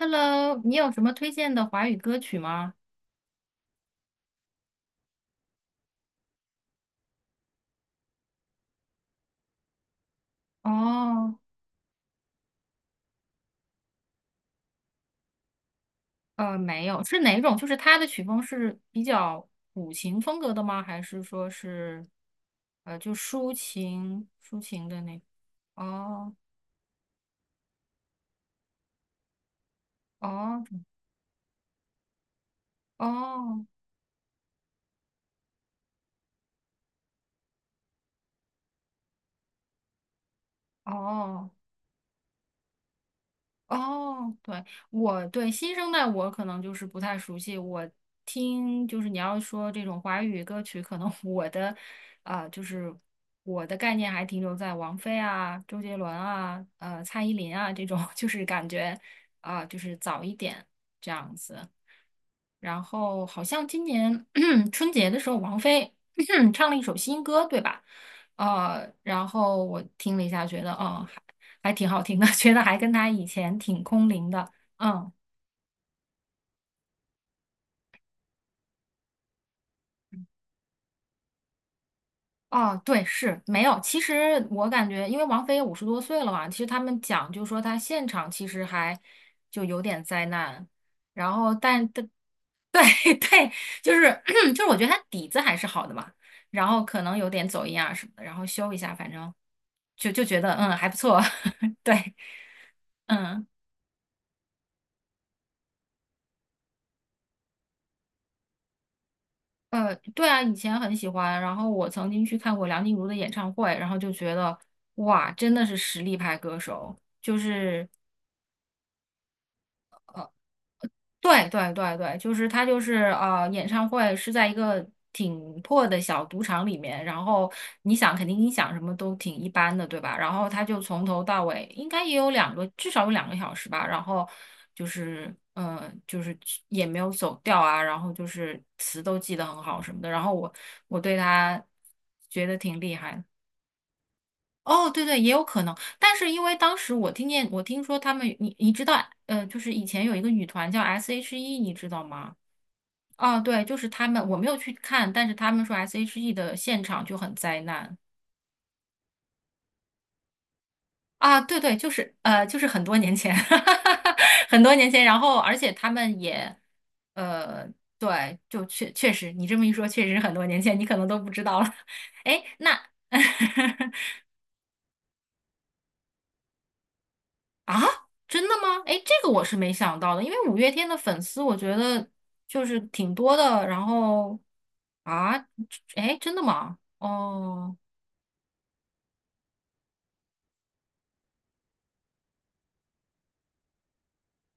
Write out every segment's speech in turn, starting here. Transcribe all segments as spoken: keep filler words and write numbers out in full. Hello，你有什么推荐的华语歌曲吗？哦，呃，没有，是哪种？就是他的曲风是比较古琴风格的吗？还是说是，呃，就抒情抒情的那？哦哦哦哦，哦，对，我对新生代我可能就是不太熟悉，我听就是你要说这种华语歌曲，可能 我的啊、就是我的概念还停留在王菲啊、周杰伦啊、呃蔡依林啊这种，就是感觉啊、就是早一点这样子。然后好像今年 春节的时候，王菲 唱了一首新歌，对吧？呃，然后我听了一下，觉得嗯。还挺好听的，觉得还跟他以前挺空灵的。嗯，哦，对，是没有。其实我感觉，因为王菲也五十多岁了嘛，其实他们讲就说她现场其实还就有点灾难，然后但但对 对，就是 就是我觉得她底子还是好的嘛，然后可能有点走音啊什么的，然后修一下，反正就就觉得嗯还不错，对，嗯。呃，对啊，以前很喜欢，然后我曾经去看过梁静茹的演唱会，然后就觉得哇，真的是实力派歌手，就是对对对对，就是他就是呃，演唱会是在一个挺破的小赌场里面，然后你想肯定音响什么都挺一般的，对吧？然后他就从头到尾应该也有两个，至少有两个小时吧。然后就是嗯，就是也没有走调啊，然后就是词都记得很好什么的。然后我我对他觉得挺厉害的。哦，对对，也有可能，但是因为当时我听见，我听说他们，你你知道，呃，就是以前有一个女团叫 S H.E，你知道吗？哦，对，就是他们，我没有去看，但是他们说 S H.E 的现场就很灾难啊，对对，就是呃，就是很多年前，很多年前，然后而且他们也，呃，对，就确确实，你这么一说，确实很多年前，你可能都不知道了，哎，那 啊，真的吗？哎，这个我是没想到的，因为五月天的粉丝我觉得就是挺多的。然后啊，哎，真的吗？哦，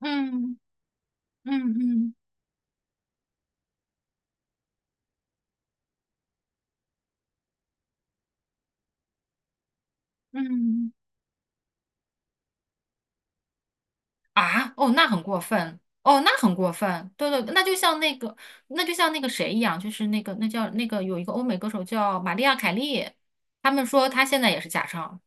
嗯嗯嗯嗯，啊，哦，那很过分，哦，那很过分。对对，那就像那个，那就像那个谁一样，就是那个那叫那个有一个欧美歌手叫玛丽亚凯莉，他们说他现在也是假唱。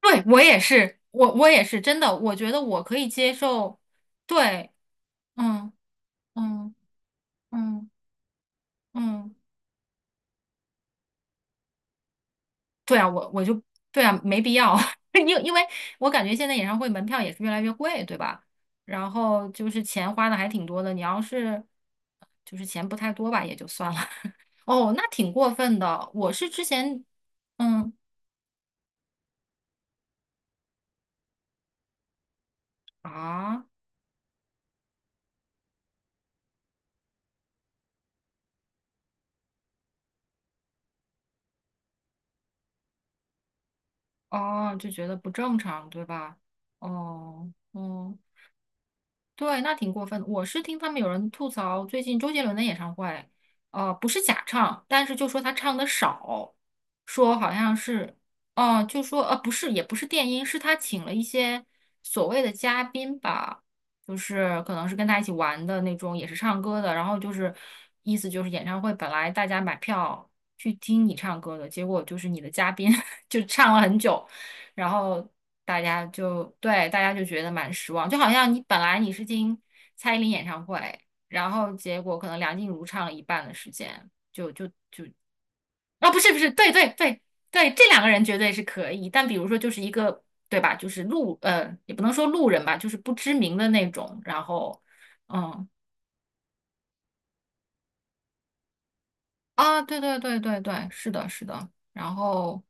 对，我也是，我我也是，真的，我觉得我可以接受。对，嗯。嗯嗯嗯，对啊，我我就对啊，没必要，因为因为我感觉现在演唱会门票也是越来越贵，对吧？然后就是钱花的还挺多的，你要是就是钱不太多吧，也就算了。哦，那挺过分的。我是之前嗯啊哦就觉得不正常，对吧？哦嗯。对，那挺过分的。我是听他们有人吐槽，最近周杰伦的演唱会，呃，不是假唱，但是就说他唱的少，说好像是，哦、就说呃，不是，也不是电音，是他请了一些所谓的嘉宾吧，就是可能是跟他一起玩的那种，也是唱歌的，然后就是意思就是演唱会本来大家买票去听你唱歌的，结果就是你的嘉宾 就唱了很久，然后大家就对大家就觉得蛮失望，就好像你本来你是听蔡依林演唱会，然后结果可能梁静茹唱了一半的时间，啊、不是不是，对对对对，这两个人绝对是可以，但比如说就是一个对吧，就是路呃也不能说路人吧，就是不知名的那种，然后嗯。啊，对对对对对，是的，是的。然后，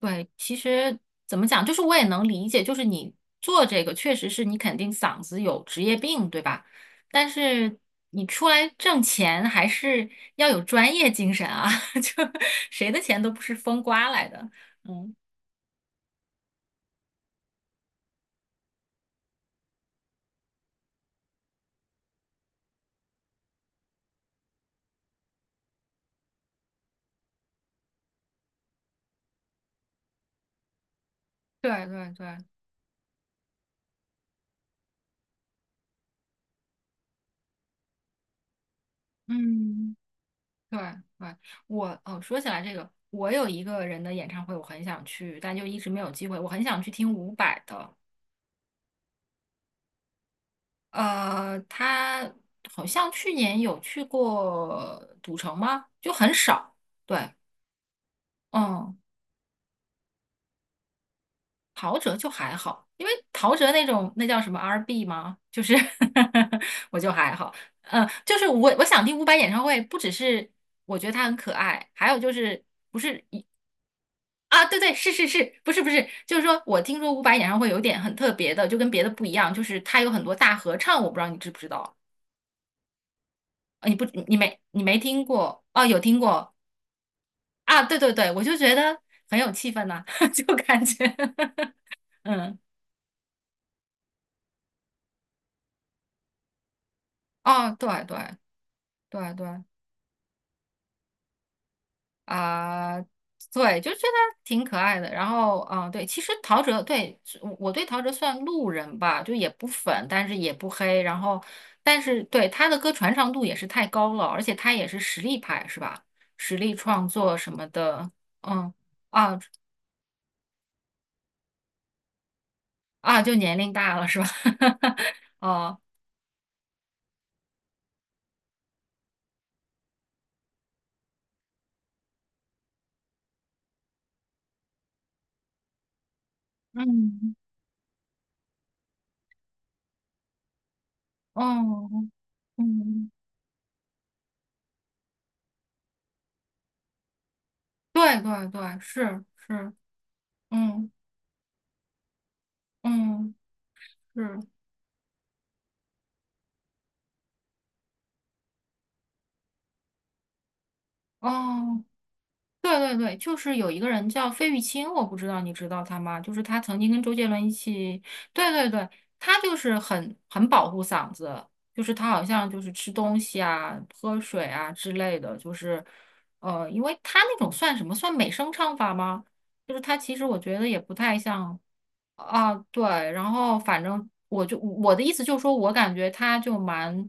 对，其实怎么讲，就是我也能理解，就是你做这个确实是你肯定嗓子有职业病，对吧？但是你出来挣钱还是要有专业精神啊，就谁的钱都不是风刮来的。嗯，对对对，嗯，对对。我哦，说起来这个，我有一个人的演唱会，我很想去，但就一直没有机会。我很想去听伍佰的。呃，他好像去年有去过赌城吗？就很少。对，嗯，陶喆就还好，因为陶喆那种那叫什么 R and B 吗？就是 我就还好。嗯，就是我我想听伍佰演唱会，不只是我觉得他很可爱，还有就是啊，对对，是是是，不是不是，就是说我听说伍佰演唱会有点很特别的，就跟别的不一样，就是他有很多大合唱，我不知道你知不知道。呃，你不，你没，你没听过哦？有听过啊，对对对，我就觉得很有气氛呐、就感觉 嗯，哦，对对对对啊、对，就觉得挺可爱的。然后，啊，对，其实陶喆，对，我我对陶喆算路人吧，就也不粉，但是也不黑。然后，但是对他的歌传唱度也是太高了，而且他也是实力派，是吧？实力创作什么的，嗯啊啊，就年龄大了是吧？哦，嗯，嗯嗯，对对对，是是，嗯嗯是，哦，对对对，就是有一个人叫费玉清，我不知道你知道他吗？就是他曾经跟周杰伦一起，对对对，他就是很很保护嗓子，就是他好像就是吃东西啊、喝水啊之类的，就是呃，因为他那种算什么？算美声唱法吗？就是他其实我觉得也不太像。啊，对，然后反正我就我的意思就是说，我感觉他就蛮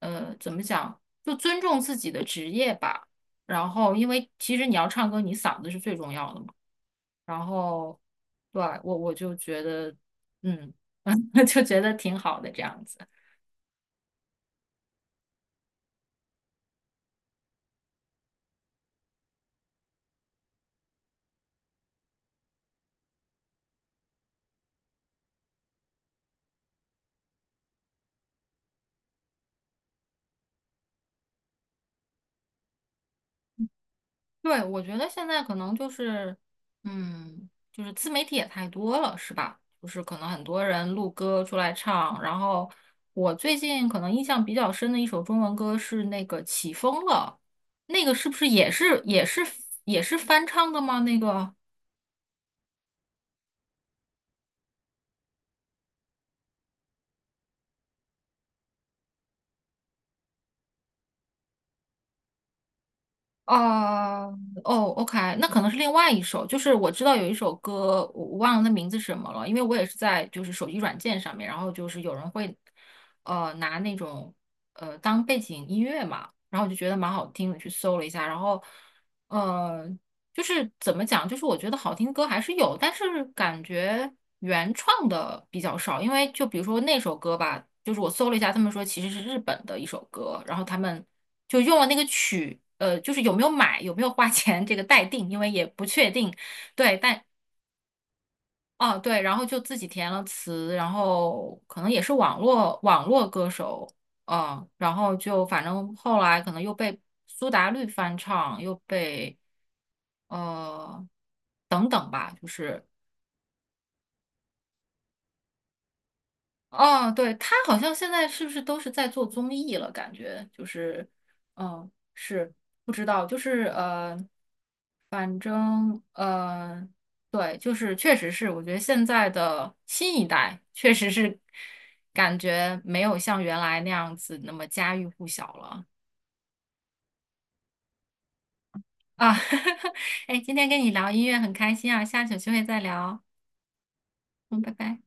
呃，怎么讲，就尊重自己的职业吧。然后，因为其实你要唱歌，你嗓子是最重要的嘛。然后，对，我我就觉得，嗯，就觉得挺好的这样子。对，我觉得现在可能就是，嗯，就是自媒体也太多了，是吧？就是可能很多人录歌出来唱，然后我最近可能印象比较深的一首中文歌是那个《起风了》，那个是不是也是也是也是翻唱的吗？那个哦哦，OK，那可能是另外一首，就是我知道有一首歌，我我忘了那名字是什么了，因为我也是在就是手机软件上面，然后就是有人会呃拿那种呃当背景音乐嘛，然后我就觉得蛮好听的，去搜了一下，然后呃就是怎么讲，就是我觉得好听歌还是有，但是感觉原创的比较少，因为就比如说那首歌吧，就是我搜了一下，他们说其实是日本的一首歌，然后他们就用了那个曲，呃，就是有没有买，有没有花钱这个待定，因为也不确定。对，但哦对，然后就自己填了词，然后可能也是网络网络歌手，嗯，然后就反正后来可能又被苏打绿翻唱，又被呃等等吧，就是。哦，对，他好像现在是不是都是在做综艺了？感觉就是，嗯，是不知道，就是呃，反正呃，对，就是确实是，我觉得现在的新一代确实是感觉没有像原来那样子那么家喻户晓了啊。哎，今天跟你聊音乐很开心啊，下次有机会再聊，嗯，拜拜。